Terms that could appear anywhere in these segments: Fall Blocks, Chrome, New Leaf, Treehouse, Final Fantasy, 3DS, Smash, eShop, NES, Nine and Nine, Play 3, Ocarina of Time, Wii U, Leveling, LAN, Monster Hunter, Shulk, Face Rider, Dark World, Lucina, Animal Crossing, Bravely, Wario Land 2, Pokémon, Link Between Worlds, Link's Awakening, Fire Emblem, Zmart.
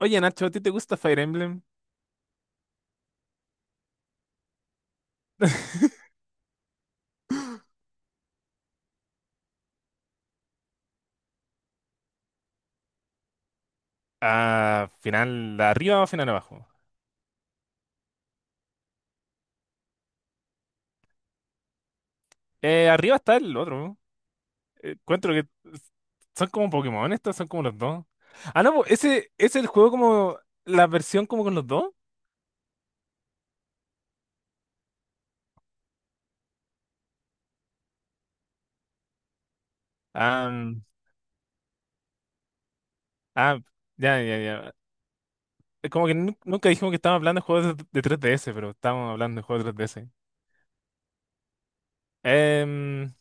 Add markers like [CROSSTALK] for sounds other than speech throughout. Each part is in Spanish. Oye, Nacho, ¿a ti te gusta Fire Emblem? [LAUGHS] Ah, final arriba o final abajo. Arriba está el otro, ¿no? Encuentro que son como Pokémon estos, son como los dos. Ah, no, pues, ese es el juego como la versión como con los dos. Ah, mm, ah, ya, ya, ya. Como que nunca dijimos que estábamos hablando de juegos de 3DS, pero estábamos hablando de juegos de 3DS. Em,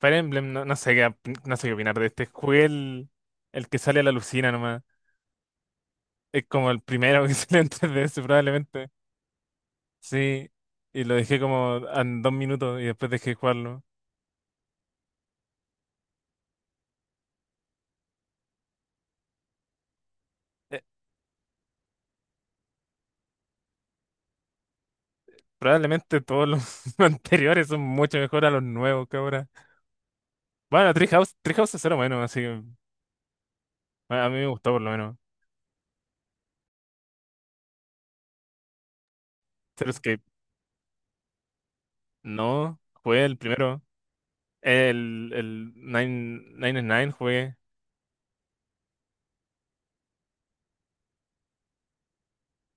Fire Emblem, no, no sé qué, no sé qué opinar de este. Jugué el que sale a la lucina nomás. Es como el primero que [LAUGHS] sale en 3DS probablemente. Sí, y lo dejé como en 2 minutos y después dejé de jugarlo. Eh, Probablemente todos los [LAUGHS] anteriores son mucho mejor a los nuevos que ahora. Bueno, Treehouse, Treehouse es cero bueno, así que a mí me gustó por lo menos. Pero es que no, jugué el primero. El Nine, Nine and Nine jugué.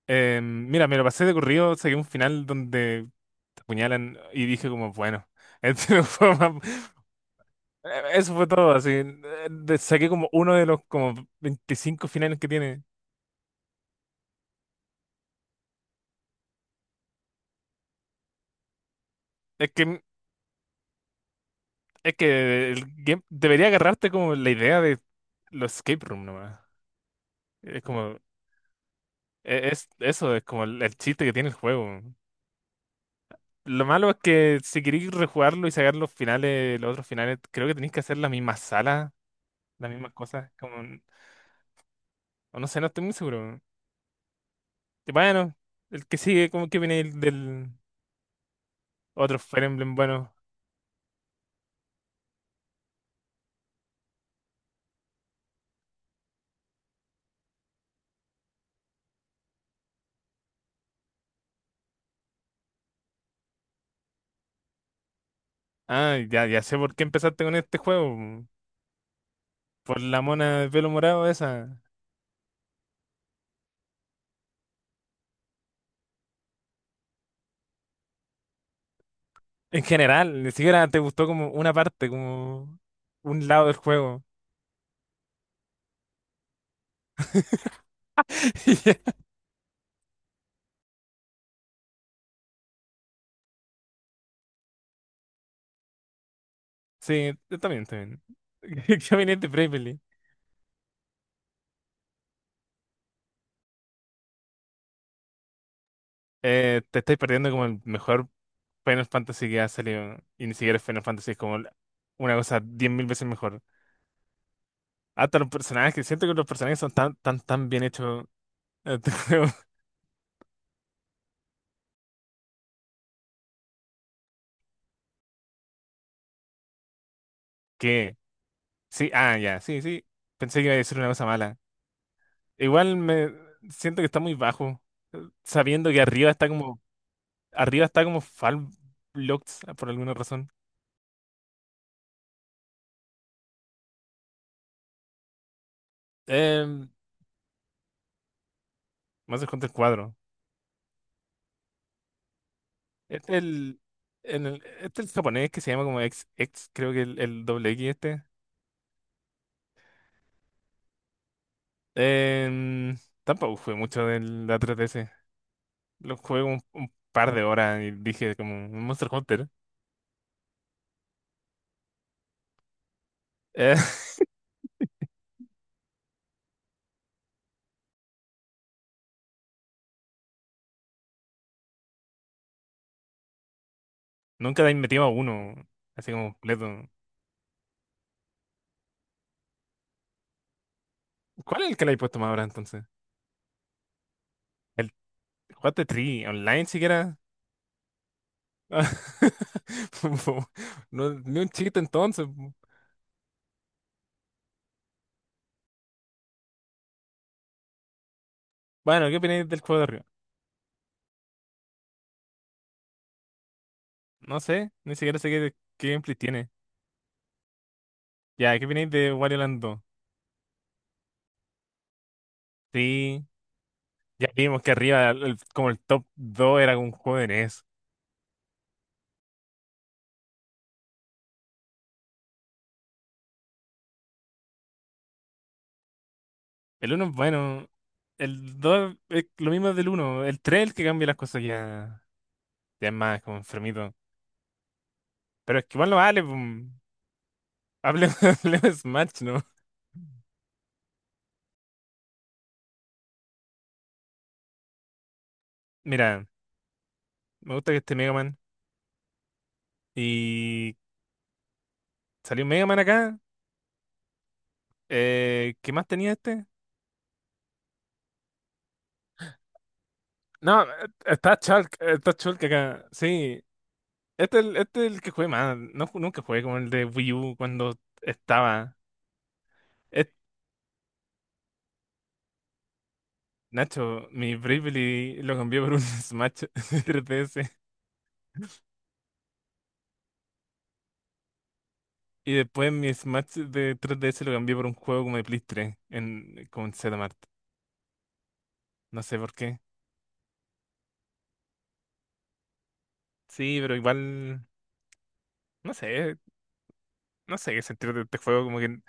Mira, me lo pasé de corrido, saqué un final donde te apuñalan y dije como, bueno, este [LAUGHS] eso fue todo, así. Saqué como uno de los como 25 finales que tiene. Es que, es que el game debería agarrarte como la idea de los escape room nomás. Es como, eso es como el chiste que tiene el juego. Lo malo es que si queréis rejugarlo y sacar los finales, los otros finales, creo que tenéis que hacer las mismas salas, las mismas cosas, como, o no sé, no estoy muy seguro. Y bueno, el que sigue, como que viene el del otro Fire Emblem, bueno. Ah, ya, ya sé por qué empezaste con este juego. Por la mona de pelo morado esa. En general, ni siquiera te gustó como una parte, como un lado del juego. [LAUGHS] Sí, yo también, también. [LAUGHS] Caminante Bravely. Te estáis perdiendo como el mejor Final Fantasy que ha salido. Y ni siquiera es Final Fantasy, es como una cosa 10.000 veces mejor. Hasta los personajes, siento que los personajes son tan, tan, tan bien hechos. eh, [LAUGHS] que sí, ah, ya, sí, sí. Pensé que iba a decir una cosa mala. Igual me siento que está muy bajo. Sabiendo que arriba está como Fall Blocks por alguna razón. Em, Más se cuenta el cuadro. Este es el, este es el japonés que se llama como X, X, creo que el doble X este. Em, Tampoco jugué mucho del la 3DS. Lo jugué un par de horas y dije como Monster Hunter. Eh, [LAUGHS] Nunca le he metido a uno, así como completo. ¿Cuál es el que le he puesto más ahora entonces? ¿El Jugaste Tree online siquiera? [LAUGHS] No, ni un chiste entonces. Bueno, ¿qué opináis del juego de arriba? No sé, ni siquiera sé qué gameplay tiene. Ya, ¿qué opináis de Wario Land 2? Sí, ya vimos que arriba, como el top 2 era un juego de NES. El uno, es bueno, el 2, es lo mismo del uno. El 3, es el que cambia las cosas ya, ya es más como enfermito. Pero es que igual no vale, pum. Hablemos, hablemos [LAUGHS] de Smash, ¿no? Mira, me gusta que esté Mega Man. Y salió Mega Man acá. ¿Qué más tenía este? No, está Shulk acá. Sí, este es el que jugué más. No, nunca jugué como el de Wii U cuando estaba. Es- Nacho, mi Bravely lo cambié por un [LAUGHS] Smash de 3DS. Y después mi Smash de 3DS lo cambié por un juego como de Play 3 en, con Zmart. No sé por qué. Sí, pero igual. No sé. No sé qué sentir de este juego. Como que, en-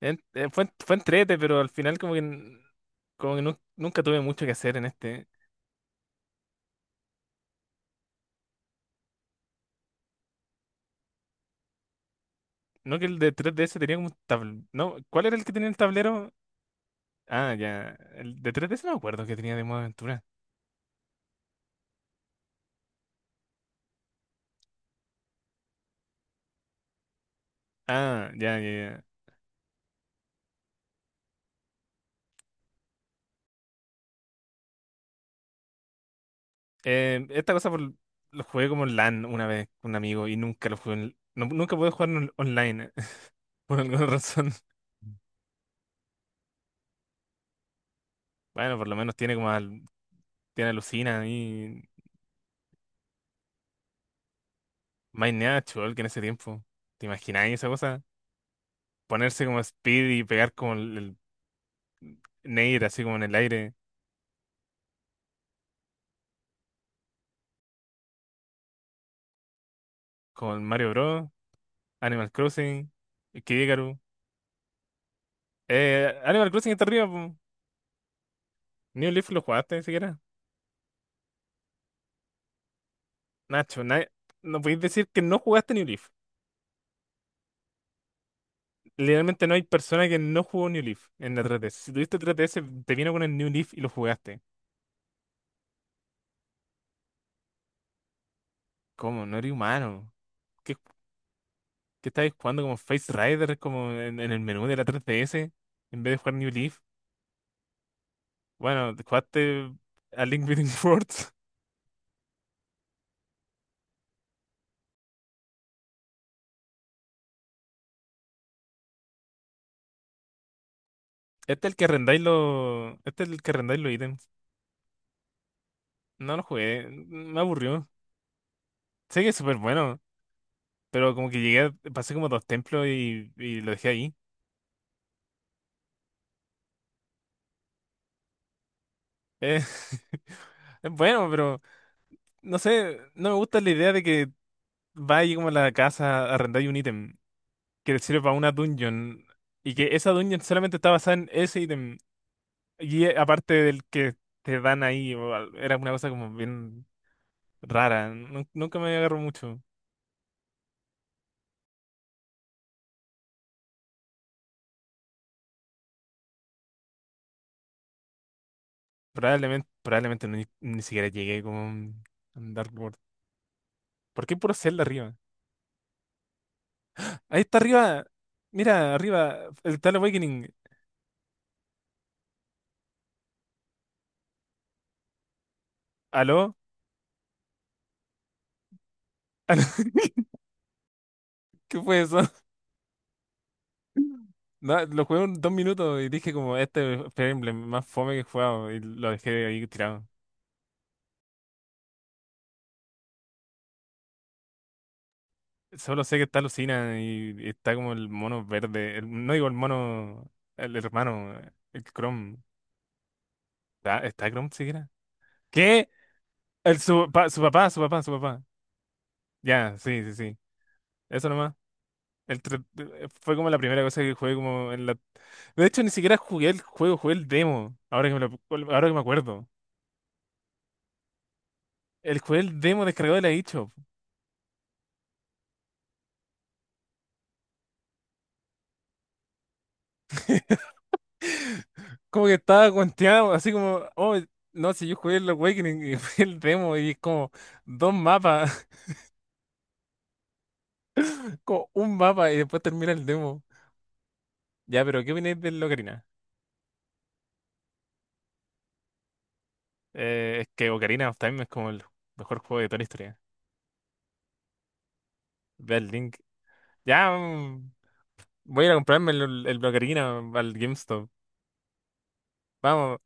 eh, fue entrete, pero al final como que, Como que nunca tuve mucho que hacer en este. No que el de 3DS tenía como un tablero. No, ¿cuál era el que tenía el tablero? Ah, ya. El de 3DS no me acuerdo que tenía de modo aventura. Ah, ya, ya, ya. Eh, esta cosa por- lo jugué como en LAN una vez con un amigo y nunca lo jugué, nunca pude jugar, online [LAUGHS] por alguna razón. Bueno, por lo menos tiene como tiene alucina y My Natural que en ese tiempo. ¿Te imagináis esa cosa? Ponerse como Speed y pegar como el Nade así como en el aire con Mario Bros, Animal Crossing, Kid Icarus. Animal Crossing está arriba, po. New Leaf lo jugaste siquiera. Nacho, no podéis decir que no jugaste New Leaf. Literalmente no hay persona que no jugó New Leaf en la 3 S. Si tuviste 3 S, te vino con el New Leaf y lo jugaste. ¿Cómo? No eres humano. ¿Qué, qué estabais jugando como Face Rider, como en el menú de la 3 S en vez de jugar New Leaf? Bueno, jugaste a Link Between Worlds. [LAUGHS] Este es el que arrendáis los, Este es el que arrendáis los ítems. No lo jugué, me aburrió. Sé que es súper bueno, pero como que llegué, pasé como dos templos y lo dejé ahí. Eh, [LAUGHS] es bueno, pero no sé, no me gusta la idea de que vaya como a la casa, a arrendáis un ítem que te sirve para una dungeon y que esa dungeon solamente está basada en ese ítem y aparte del que te dan ahí, era una cosa como bien rara, nunca me agarró mucho. Probablemente, probablemente no, ni siquiera llegué como en Dark World. ¿Por qué puro Zelda arriba? Ahí está arriba, mira, arriba, el Tal Awakening. ¿Aló? ¿Aló? [LAUGHS] ¿Qué fue eso? No, lo jugué un, 2 minutos y dije como este es Fire Emblem más fome que he jugado y lo dejé ahí tirado. Solo sé que está Lucina y está como el mono verde. No digo el mono, el hermano, el Chrome. ¿Está Chrome siquiera? ¿Qué? Su papá, su papá, su papá. Ya, sí, sí, sí. Eso nomás. Fue como la primera cosa que jugué como en la... De hecho, ni siquiera jugué el juego, jugué el demo. Ahora que me acuerdo. El jugué el demo descargado de la eShop. Como que estaba cuenteado, así como, oh, no, si yo jugué el Awakening y [LAUGHS] fue el demo y es como dos mapas, [LAUGHS] como un mapa y después termina el demo. Ya, pero ¿qué opináis del Ocarina? Es que Ocarina of Time es como el mejor juego de toda la historia. Ve el link. Ya, voy a ir a comprarme el Ocarina al GameStop. Vamos.